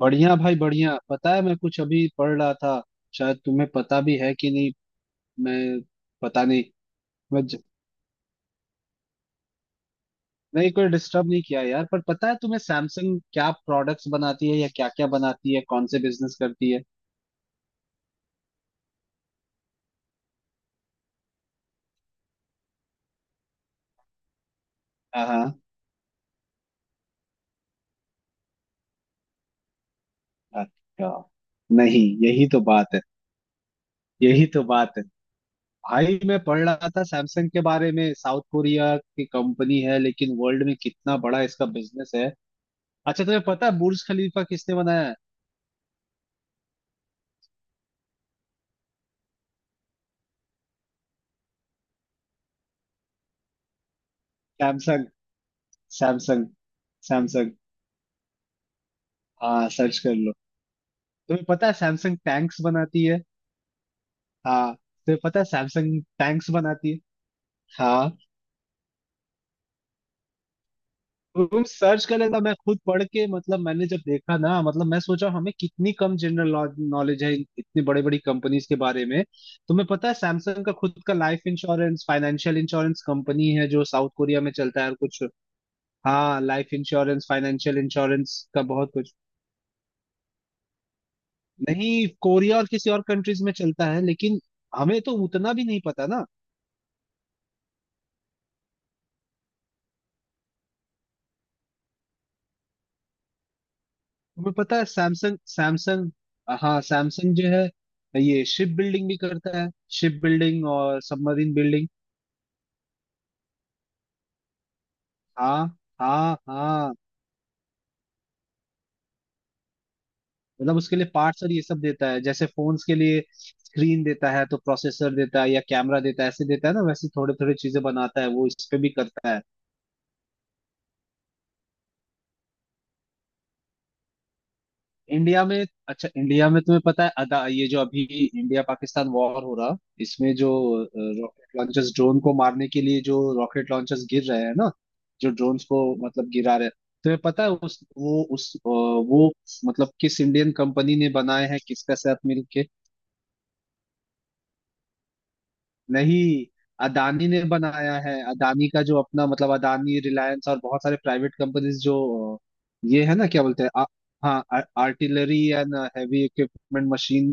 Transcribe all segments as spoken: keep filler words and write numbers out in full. बढ़िया भाई बढ़िया। पता है, मैं कुछ अभी पढ़ रहा था। शायद तुम्हें पता भी है कि नहीं। मैं पता नहीं। मैं ज... नहीं, कोई डिस्टर्ब नहीं किया यार। पर पता है तुम्हें सैमसंग क्या प्रोडक्ट्स बनाती है या क्या क्या बनाती है, कौन से बिजनेस करती है? हाँ हाँ। अच्छा, नहीं यही तो बात है। यही तो बात है। भाई मैं पढ़ रहा था सैमसंग के बारे में, साउथ कोरिया की कंपनी है लेकिन वर्ल्ड में कितना बड़ा इसका बिजनेस है। अच्छा तुम्हें पता है बुर्ज खलीफा किसने बनाया है? सैमसंग। सैमसंग। सैमसंग। हाँ सर्च कर लो। तुम्हें पता है सैमसंग टैंक्स बनाती है? हाँ तुम्हें पता है सैमसंग टैंक्स बनाती है? हाँ तुम सर्च कर लेना। मैं खुद पढ़ के मतलब मैंने जब देखा ना, मतलब मैं सोचा हमें कितनी कम जनरल नॉलेज है इतनी बड़ी बड़ी कंपनीज के बारे में। तुम्हें पता है सैमसंग का खुद का life insurance, financial insurance company है जो साउथ कोरिया में चलता है और कुछ। हाँ लाइफ इंश्योरेंस फाइनेंशियल इंश्योरेंस का बहुत कुछ। नहीं कोरिया और किसी और कंट्रीज में चलता है, लेकिन हमें तो उतना भी नहीं पता ना। तुम्हें पता है सैमसंग? सैमसंग हाँ सैमसंग जो है ये शिप बिल्डिंग भी करता है। शिप बिल्डिंग और सबमरीन बिल्डिंग। हाँ हाँ हाँ। मतलब उसके लिए पार्ट्स और ये सब देता है। जैसे फोन्स के लिए स्क्रीन देता है, तो प्रोसेसर देता है, या कैमरा देता है, ऐसे देता है ना, वैसे थोड़े थोड़े चीजें बनाता है वो इस पे भी करता है। इंडिया में अच्छा इंडिया में तुम्हें पता है, अदा ये जो अभी इंडिया पाकिस्तान वॉर हो रहा इसमें जो रॉकेट लॉन्चर्स ड्रोन को मारने के लिए जो रॉकेट लॉन्चर्स गिर रहे हैं ना, जो ड्रोन्स को मतलब गिरा रहे हैं, तुम्हें पता है उस वो उस अ, वो मतलब किस इंडियन कंपनी ने बनाए हैं किसका साथ मिलके? नहीं, अदानी ने बनाया है। अदानी का जो अपना मतलब अदानी रिलायंस और बहुत सारे प्राइवेट कंपनीज जो ये है ना, क्या बोलते हैं, आ, हाँ artillery and heavy equipment machine.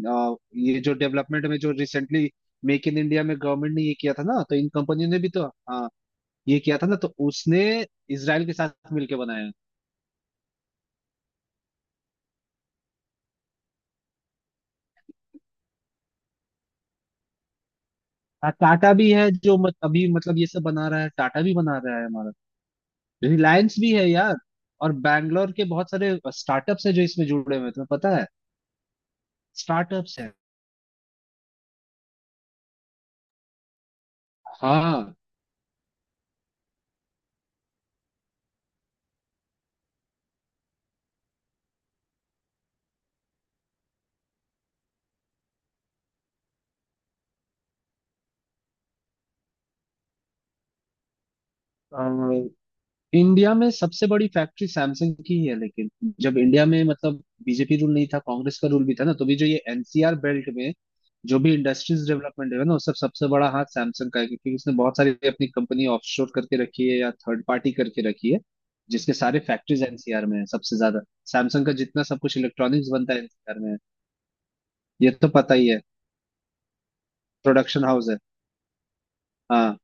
ये जो डेवलपमेंट में जो रिसेंटली मेक इन इंडिया में गवर्नमेंट ने ये किया था ना, तो इन कंपनियों ने भी तो हाँ ये किया था ना, तो उसने इसराइल के साथ मिलके बनाया है। हाँ टाटा भी है जो मत, अभी मतलब ये सब बना रहा है, टाटा भी बना रहा है हमारा। रिलायंस भी है यार। और बैंगलोर के बहुत सारे स्टार्टअप्स हैं जो इसमें जुड़े हुए हैं, तुम्हें पता है, स्टार्टअप्स हैं। हाँ अ, इंडिया में सबसे बड़ी फैक्ट्री सैमसंग की ही है। लेकिन जब इंडिया में मतलब बी जे पी रूल नहीं था, कांग्रेस का रूल भी था ना, तो भी जो ये एन सी आर बेल्ट में जो भी इंडस्ट्रीज डेवलपमेंट है ना उस सब सबसे बड़ा हाथ सैमसंग का है, क्योंकि उसने बहुत सारी अपनी कंपनी ऑफशोर करके रखी है या थर्ड पार्टी करके रखी है, जिसके सारे फैक्ट्रीज एन सी आर में है सबसे ज्यादा। सैमसंग का जितना सब कुछ इलेक्ट्रॉनिक्स बनता है एन सी आर में है। ये तो पता ही है प्रोडक्शन हाउस है। हाँ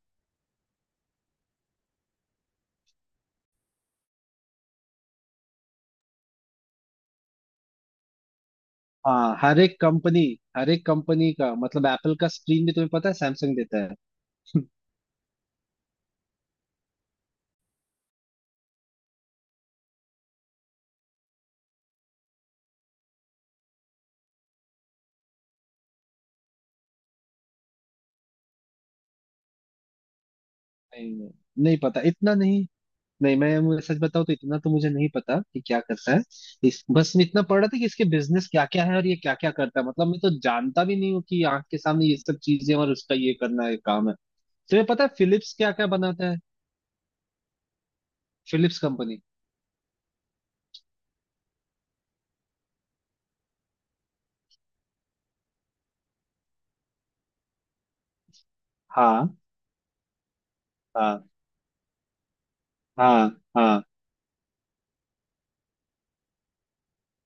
हाँ। हर एक कंपनी, हर एक कंपनी का मतलब एप्पल का स्क्रीन भी तुम्हें पता है सैमसंग देता है। नहीं, नहीं पता इतना नहीं। नहीं मैं, मुझे सच बताऊं तो इतना तो मुझे नहीं पता कि क्या करता है। इस बस मैं इतना पढ़ रहा था कि इसके बिजनेस क्या क्या है और ये क्या क्या करता है। मतलब मैं तो जानता भी नहीं हूँ कि आंख के सामने ये सब चीजें और उसका ये करना है काम है। तुम्हें पता है फिलिप्स क्या क्या बनाता है? Philips company. हाँ हाँ हाँ हाँ।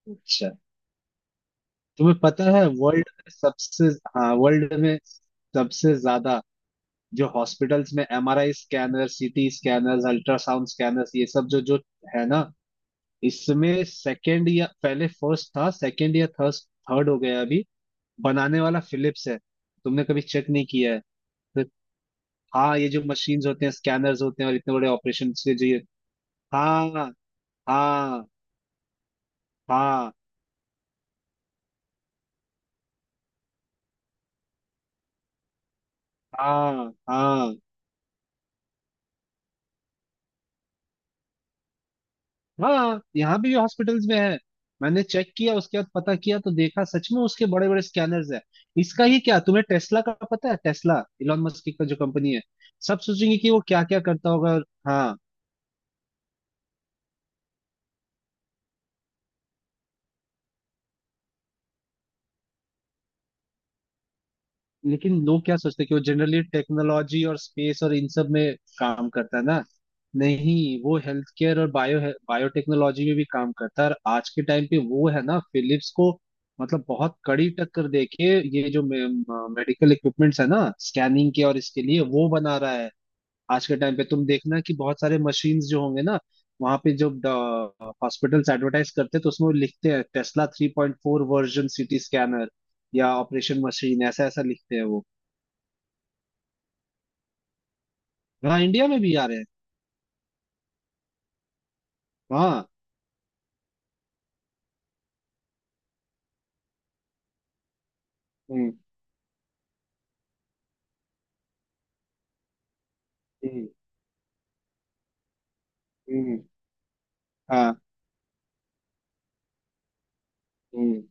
अच्छा तुम्हें पता है वर्ल्ड में सबसे? हाँ वर्ल्ड में सबसे ज्यादा जो हॉस्पिटल्स में एम आर आई scanner, C T scanners, ultrasound scanners ये सब जो जो है ना, इसमें सेकंड या पहले फर्स्ट था, सेकंड या थर्ड, थर्ड हो गया अभी बनाने वाला फिलिप्स है। तुमने कभी चेक नहीं किया है तो। हाँ ये जो मशीन्स होते हैं स्कैनर्स होते हैं और इतने बड़े ऑपरेशन के जो ये। हाँ हाँ हाँ हाँ हाँ। हाँ यहाँ भी हॉस्पिटल्स में है। मैंने चेक किया उसके बाद पता किया तो देखा सच में उसके बड़े बड़े स्कैनर्स हैं। इसका ही क्या, तुम्हें टेस्ला का पता है? टेस्ला इलॉन मस्क का जो कंपनी है। सब सोचेंगे कि वो क्या क्या करता होगा और हाँ लेकिन लोग क्या सोचते हैं कि वो जनरली टेक्नोलॉजी और स्पेस और इन सब में काम करता है ना। नहीं, वो हेल्थ केयर और बायो बायोटेक्नोलॉजी में भी काम करता है। और आज के टाइम पे वो है ना फिलिप्स को मतलब बहुत कड़ी टक्कर देके ये जो मेडिकल इक्विपमेंट्स है ना स्कैनिंग के और इसके लिए वो बना रहा है। आज के टाइम पे तुम देखना कि बहुत सारे मशीन्स जो होंगे ना वहां पे, जो हॉस्पिटल्स एडवर्टाइज करते हैं, तो उसमें वो लिखते हैं Tesla three point four version CT scanner या ऑपरेशन मशीन ऐसा ऐसा लिखते हैं वो। हाँ इंडिया में भी आ रहे हैं। हाँ हम्म हम्म हम्म, हाँ हम्म।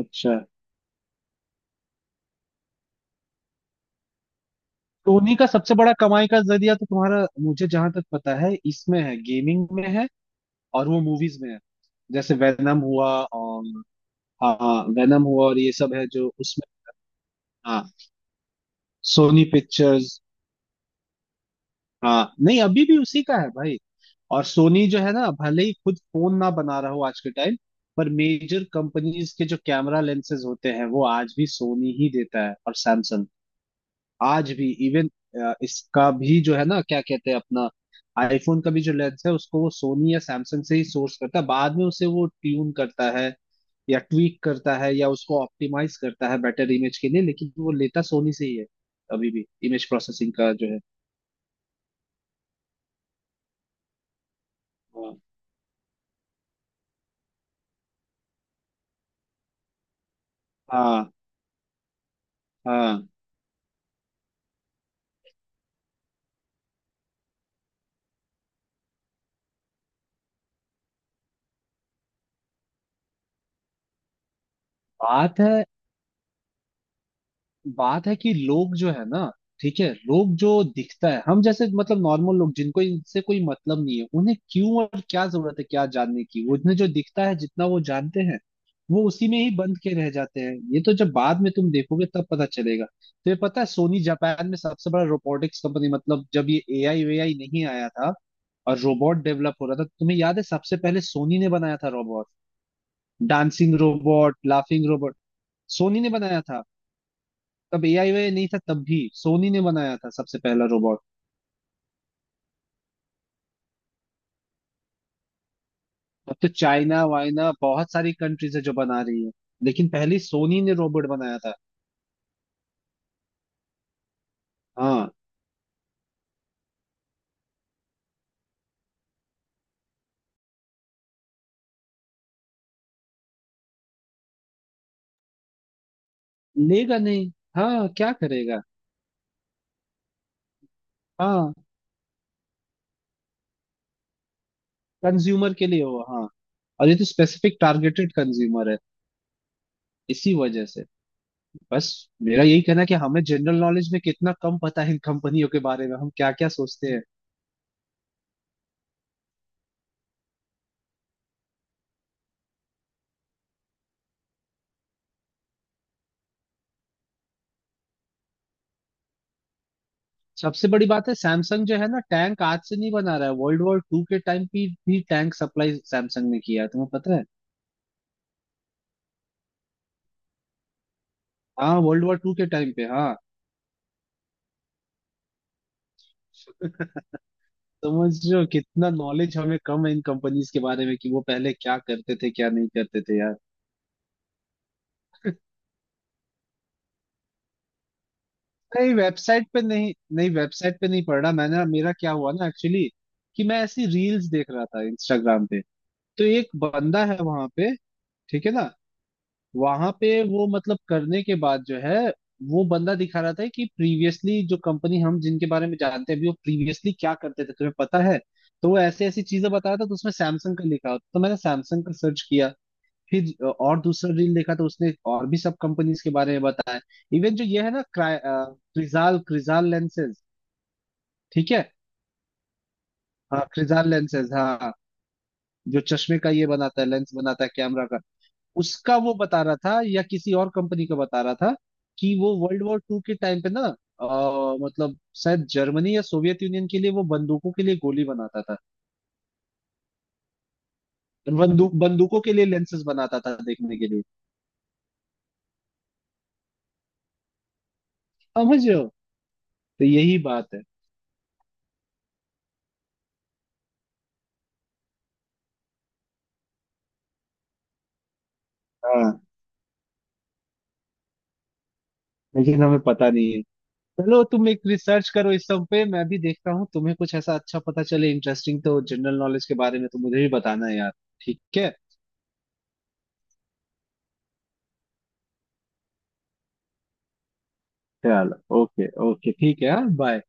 अच्छा, सोनी का सबसे बड़ा कमाई का जरिया तो तुम्हारा मुझे जहां तक पता है इसमें है, गेमिंग में है और वो मूवीज में है, जैसे वेनम हुआ और हाँ वेनम हुआ और ये सब है जो उसमें। हाँ सोनी पिक्चर्स। हाँ नहीं अभी भी उसी का है भाई। और सोनी जो है ना भले ही खुद फोन ना बना रहा हो आज के टाइम पर, मेजर कंपनीज के जो कैमरा लेंसेज होते हैं वो आज भी सोनी ही देता है और सैमसंग। आज भी इवन इसका भी जो है ना क्या कहते हैं अपना आईफोन का भी जो लेंस है उसको वो सोनी या सैमसंग से ही सोर्स करता है, बाद में उसे वो ट्यून करता है या ट्वीक करता है या उसको ऑप्टिमाइज करता है बेटर इमेज के लिए, लेकिन वो लेता सोनी से ही है अभी भी। इमेज प्रोसेसिंग का जो है हाँ हाँ हाँ, बात है, बात है कि लोग जो है ना, ठीक है लोग जो दिखता है, हम जैसे मतलब नॉर्मल लोग जिनको इनसे कोई मतलब नहीं है उन्हें क्यों और क्या जरूरत है, क्या जानने की, वो उन्हें जो दिखता है जितना वो जानते हैं वो उसी में ही बंद के रह जाते हैं। ये तो जब बाद में तुम देखोगे तब पता चलेगा। तो ये पता है सोनी जापान में सबसे बड़ा रोबोटिक्स कंपनी, मतलब जब ये ए आई वेआई नहीं आया था और रोबोट डेवलप हो रहा था, तुम्हें याद है सबसे पहले सोनी ने बनाया था robot, dancing robot, laughing robot, Sony ने बनाया था। तब ए आई वे नहीं था तब भी सोनी ने बनाया था सबसे पहला रोबोट। अब तो चाइना वाइना बहुत सारी कंट्रीज है जो बना रही है, लेकिन पहले सोनी ने रोबोट बनाया था। हाँ लेगा नहीं। हाँ क्या करेगा। हाँ कंज्यूमर के लिए हो हाँ। और ये तो स्पेसिफिक टारगेटेड कंज्यूमर है, इसी वजह से बस। मेरा यही कहना है कि हमें जनरल नॉलेज में कितना कम पता है इन कंपनियों के बारे में, हम क्या क्या सोचते हैं। सबसे बड़ी बात है सैमसंग जो है ना टैंक आज से नहीं बना रहा है, वर्ल्ड वॉर टू के टाइम भी, भी टैंक सप्लाई सैमसंग ने किया है, तुम्हें पता है। हाँ वर्ल्ड वॉर टू के टाइम पे हाँ। समझ रहे हो कितना नॉलेज हमें कम है इन कंपनीज के बारे में कि वो पहले क्या करते थे क्या नहीं करते थे यार। नहीं वेबसाइट पे नहीं नहीं वेबसाइट पे नहीं पढ़ा मैंने। मेरा क्या हुआ ना एक्चुअली, कि मैं ऐसी रील्स देख रहा था इंस्टाग्राम पे, तो एक बंदा है वहां पे, ठीक है ना, वहां पे वो मतलब करने के बाद जो है, वो बंदा दिखा रहा था कि प्रीवियसली जो कंपनी हम जिनके बारे में जानते हैं अभी वो प्रीवियसली क्या करते थे तुम्हें पता है। तो वो ऐसे ऐसी चीजें बता रहा था, तो उसमें सैमसंग का लिखा होता तो मैंने सैमसंग का सर्च किया। फिर अ, और दूसरा रील देखा तो उसने और भी सब कंपनीज के बारे में बताया। इवन जो ये है ना क्रा- अ, क्रिजाल क्रिजाल लेंसेज, ठीक है। हाँ क्रिजाल लेंसेज हाँ। जो चश्मे का ये बनाता है, लेंस बनाता है कैमरा का, उसका वो बता रहा था या किसी और कंपनी का बता रहा था कि वो वर्ल्ड वॉर टू के टाइम पे ना, अ, मतलब शायद जर्मनी या सोवियत यूनियन के लिए वो बंदूकों के लिए गोली बनाता था। बंदूक बंदूकों के लिए लेंसेस बनाता था देखने के लिए। समझ रहे हो, तो यही बात है। हाँ लेकिन हमें पता नहीं है। चलो तुम एक रिसर्च करो इस सब पे, मैं भी देखता हूँ, तुम्हें कुछ ऐसा अच्छा पता चले इंटरेस्टिंग तो जनरल नॉलेज के बारे में तो मुझे भी बताना है यार। ठीक है। चलो ओके ओके ठीक है हाँ बाय।